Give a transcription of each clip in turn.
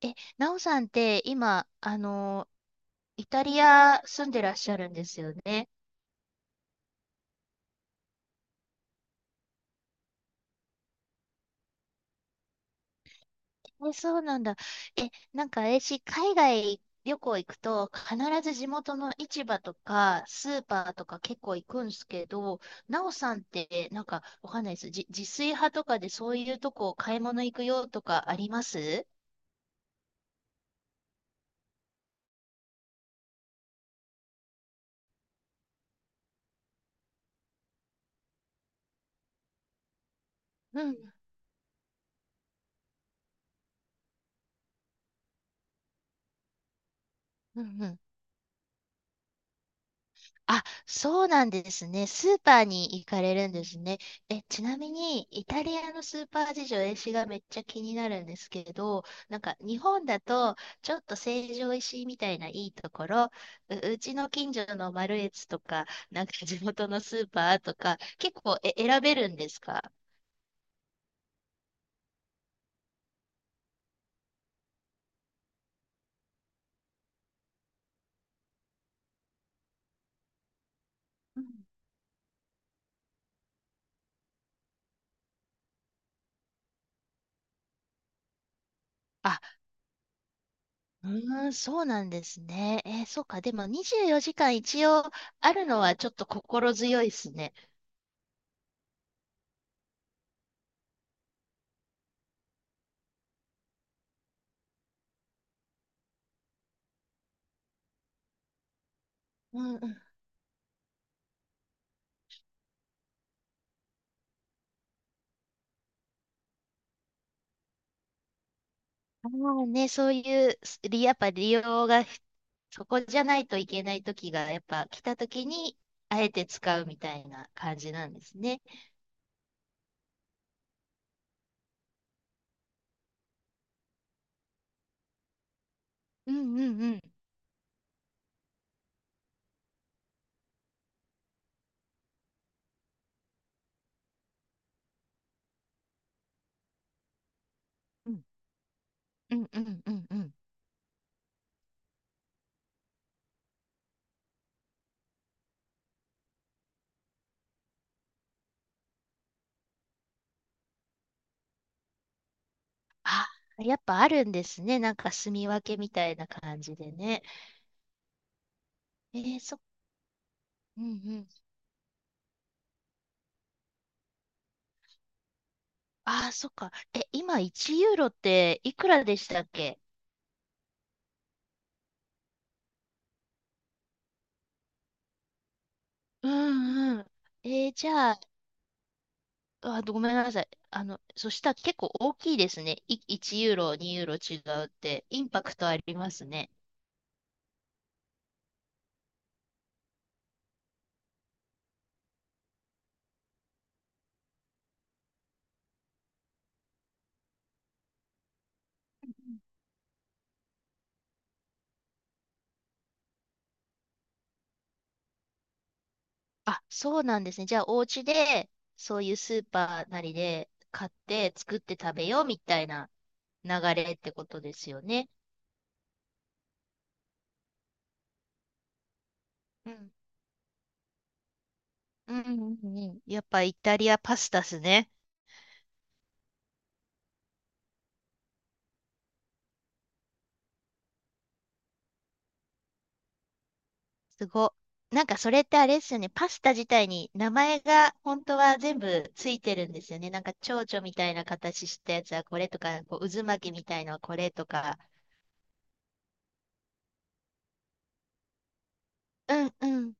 え、なおさんって今、イタリア住んでらっしゃるんですよね。え、そうなんだ。え、なんか私、海外旅行行くと、必ず地元の市場とか、スーパーとか結構行くんですけど、なおさんって、なんか、わかんないです。自炊派とかでそういうとこ買い物行くよとかあります？うん、うん、うん。あ、そうなんですね。スーパーに行かれるんですね。え、ちなみに、イタリアのスーパー事情、私がめっちゃ気になるんですけど、なんか日本だと、ちょっと成城石井みたいないいところ、うちの近所のマルエツとか、なんか地元のスーパーとか、結構選べるんですか？うん。あ、うーん、そうなんですね。そうか。でも24時間一応あるのはちょっと心強いですね。うん。ああね、そういう、すりやっぱ利用がそこじゃないといけない時が、やっぱ来た時に、あえて使うみたいな感じなんですね。うんうんうん。うんうんうんうんうん。あ、やっぱあるんですね。なんか住み分けみたいな感じでね。えー、そ、うんうん。ああ、そっか。え、今1ユーロっていくらでしたっけ？うんうん。じゃあ、あ、ごめんなさい。そしたら結構大きいですね。1ユーロ、2ユーロ違うって、インパクトありますね。あ、そうなんですね。じゃあ、お家で、そういうスーパーなりで買って作って食べようみたいな流れってことですよね。うん。うんうんうんうん。やっぱイタリアパスタっすね。すご。なんかそれってあれですよね。パスタ自体に名前が本当は全部ついてるんですよね。なんか蝶々みたいな形したやつはこれとか、こう渦巻きみたいのはこれとか。うんうん。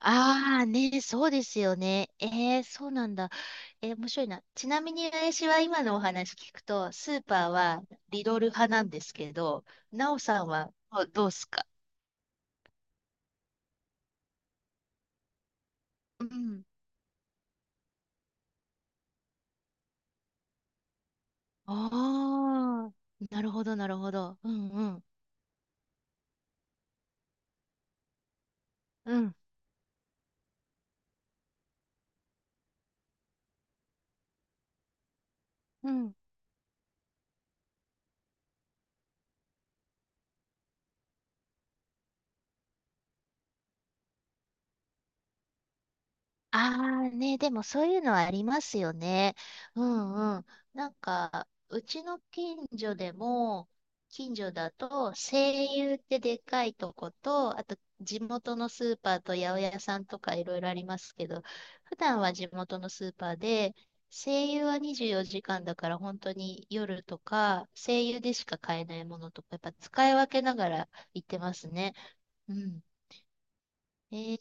ああね、そうですよね。そうなんだ。面白いな。ちなみに私は今のお話聞くと、スーパーはリドル派なんですけど、ナオさんはどうっすか？うん。ああ、なるほど、なるほど。うんうん。うん。うん。ああね、でもそういうのはありますよね。うんうん。なんか、うちの近所でも、近所だと、西友ってでかいとこと、あと地元のスーパーと八百屋さんとかいろいろありますけど、普段は地元のスーパーで、西友は24時間だから本当に夜とか、西友でしか買えないものとか、やっぱ使い分けながら行ってますね。うん。えー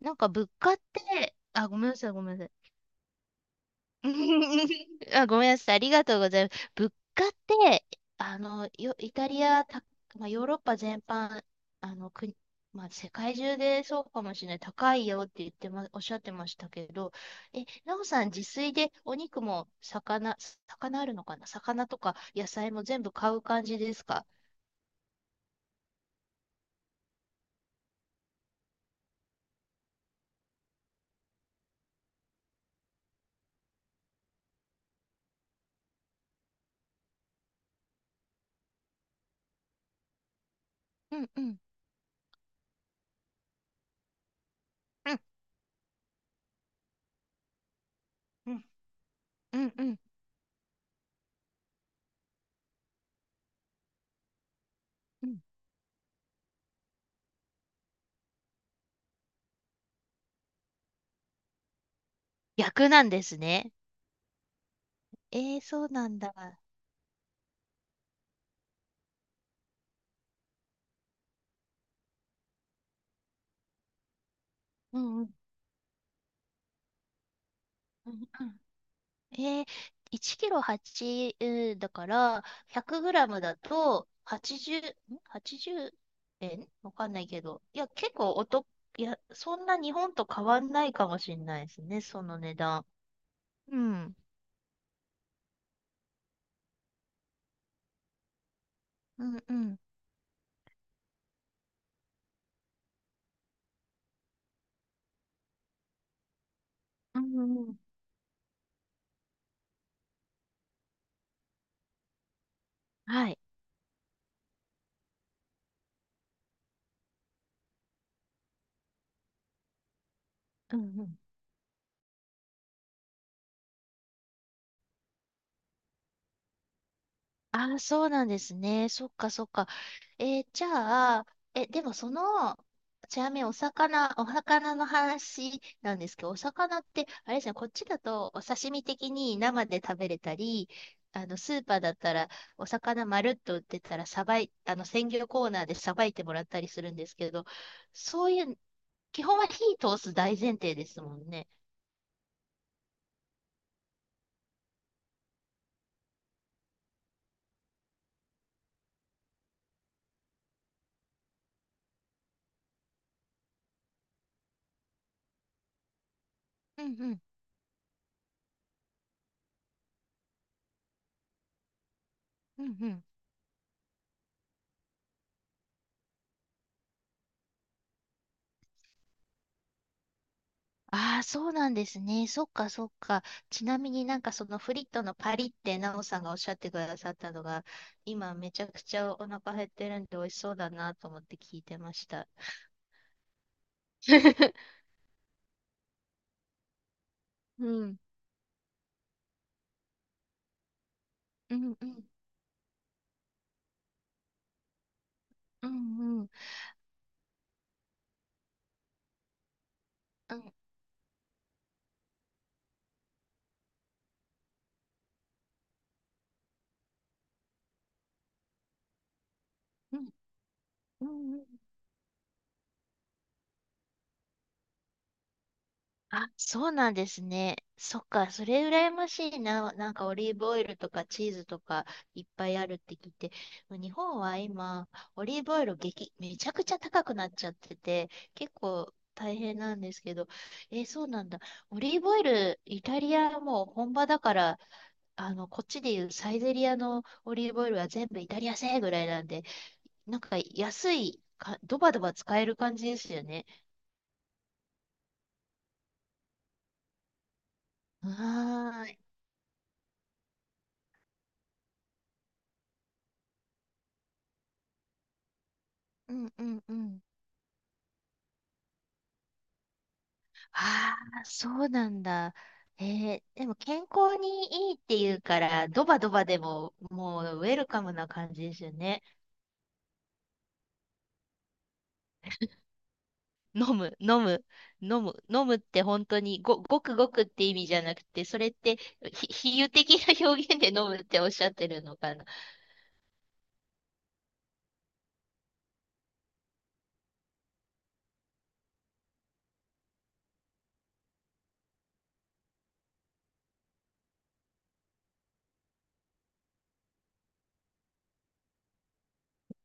なんか物価って、あ、ごめんなさい、ごめんなさい。あ、ごめんなさい。ありがとうございます。物価って、イタリア、まあ、ヨーロッパ全般、国、まあ、世界中でそうかもしれない。高いよって言ってま、おっしゃってましたけど、え、なおさん、自炊でお肉も魚、魚あるのかな、魚とか野菜も全部買う感じですか？うんうん。うんうんうんうんうん。逆なんですね。そうなんだ。うんうん。うんうん。えー、1キロ8、だから、100グラムだと、80、ん ?80 円わかんないけど。いや、結構お得、いや、そんな日本と変わんないかもしれないですね、その値段。うん。うんうん。うんうんうん。はい。うんうん。ああ、そうなんですね。そっかそっか。じゃあ、え、でもその、ちなみにお魚の話なんですけど、お魚って、あれですね、こっちだとお刺身的に生で食べれたり、スーパーだったら、お魚まるっと売ってたら、さばい、あの、鮮魚コーナーでさばいてもらったりするんですけど、そういう、基本は火通す大前提ですもんね。うんうんうんうん。ああ、そうなんですね。そっか、そっか。ちなみになんかそのフリットのパリってナオさんがおっしゃってくださったのが、今めちゃくちゃお腹減ってるんで美味しそうだなと思って聞いてました。うん。うんうん。うんうん。うんうん。うんうん。あ、そうなんですね。そっか、それ羨ましいな。なんかオリーブオイルとかチーズとかいっぱいあるって聞いて、日本は今、オリーブオイルめちゃくちゃ高くなっちゃってて、結構大変なんですけど、そうなんだ。オリーブオイル、イタリアはもう本場だから、こっちでいうサイゼリアのオリーブオイルは全部イタリア製ぐらいなんで、なんか安いか、ドバドバ使える感じですよね。はーい。うんうんうん。ああ、そうなんだ。えでも健康にいいっていうから、ドバドバでも、もうウェルカムな感じですよね。飲む、飲む、飲む、飲むって本当にごくごくって意味じゃなくて、それって比喩的な表現で飲むっておっしゃってるのか？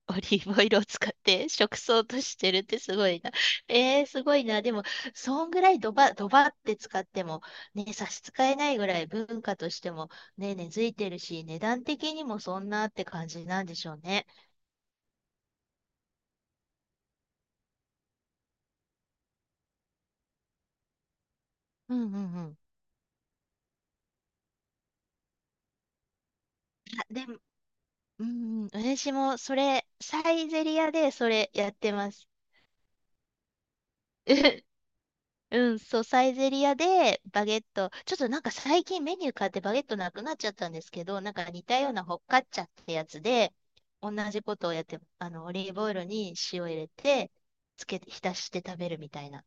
オリーブオイルを使って食草としてるってすごいな。すごいな。でも、そんぐらいドバ、ドバって使っても、ね、差し支えないぐらい文化としても、ね、根付いてるし、値段的にもそんなって感じなんでしょうね。うんうんうん。あ、でも、うんうん、私もそれ、サイゼリヤでそれやってます。うん、そう、サイゼリアでバゲット、ちょっとなんか最近メニュー変わってバゲットなくなっちゃったんですけど、なんか似たようなホッカッチャってやつで、同じことをやって、オリーブオイルに塩入れて、つけて、浸して食べるみたいな。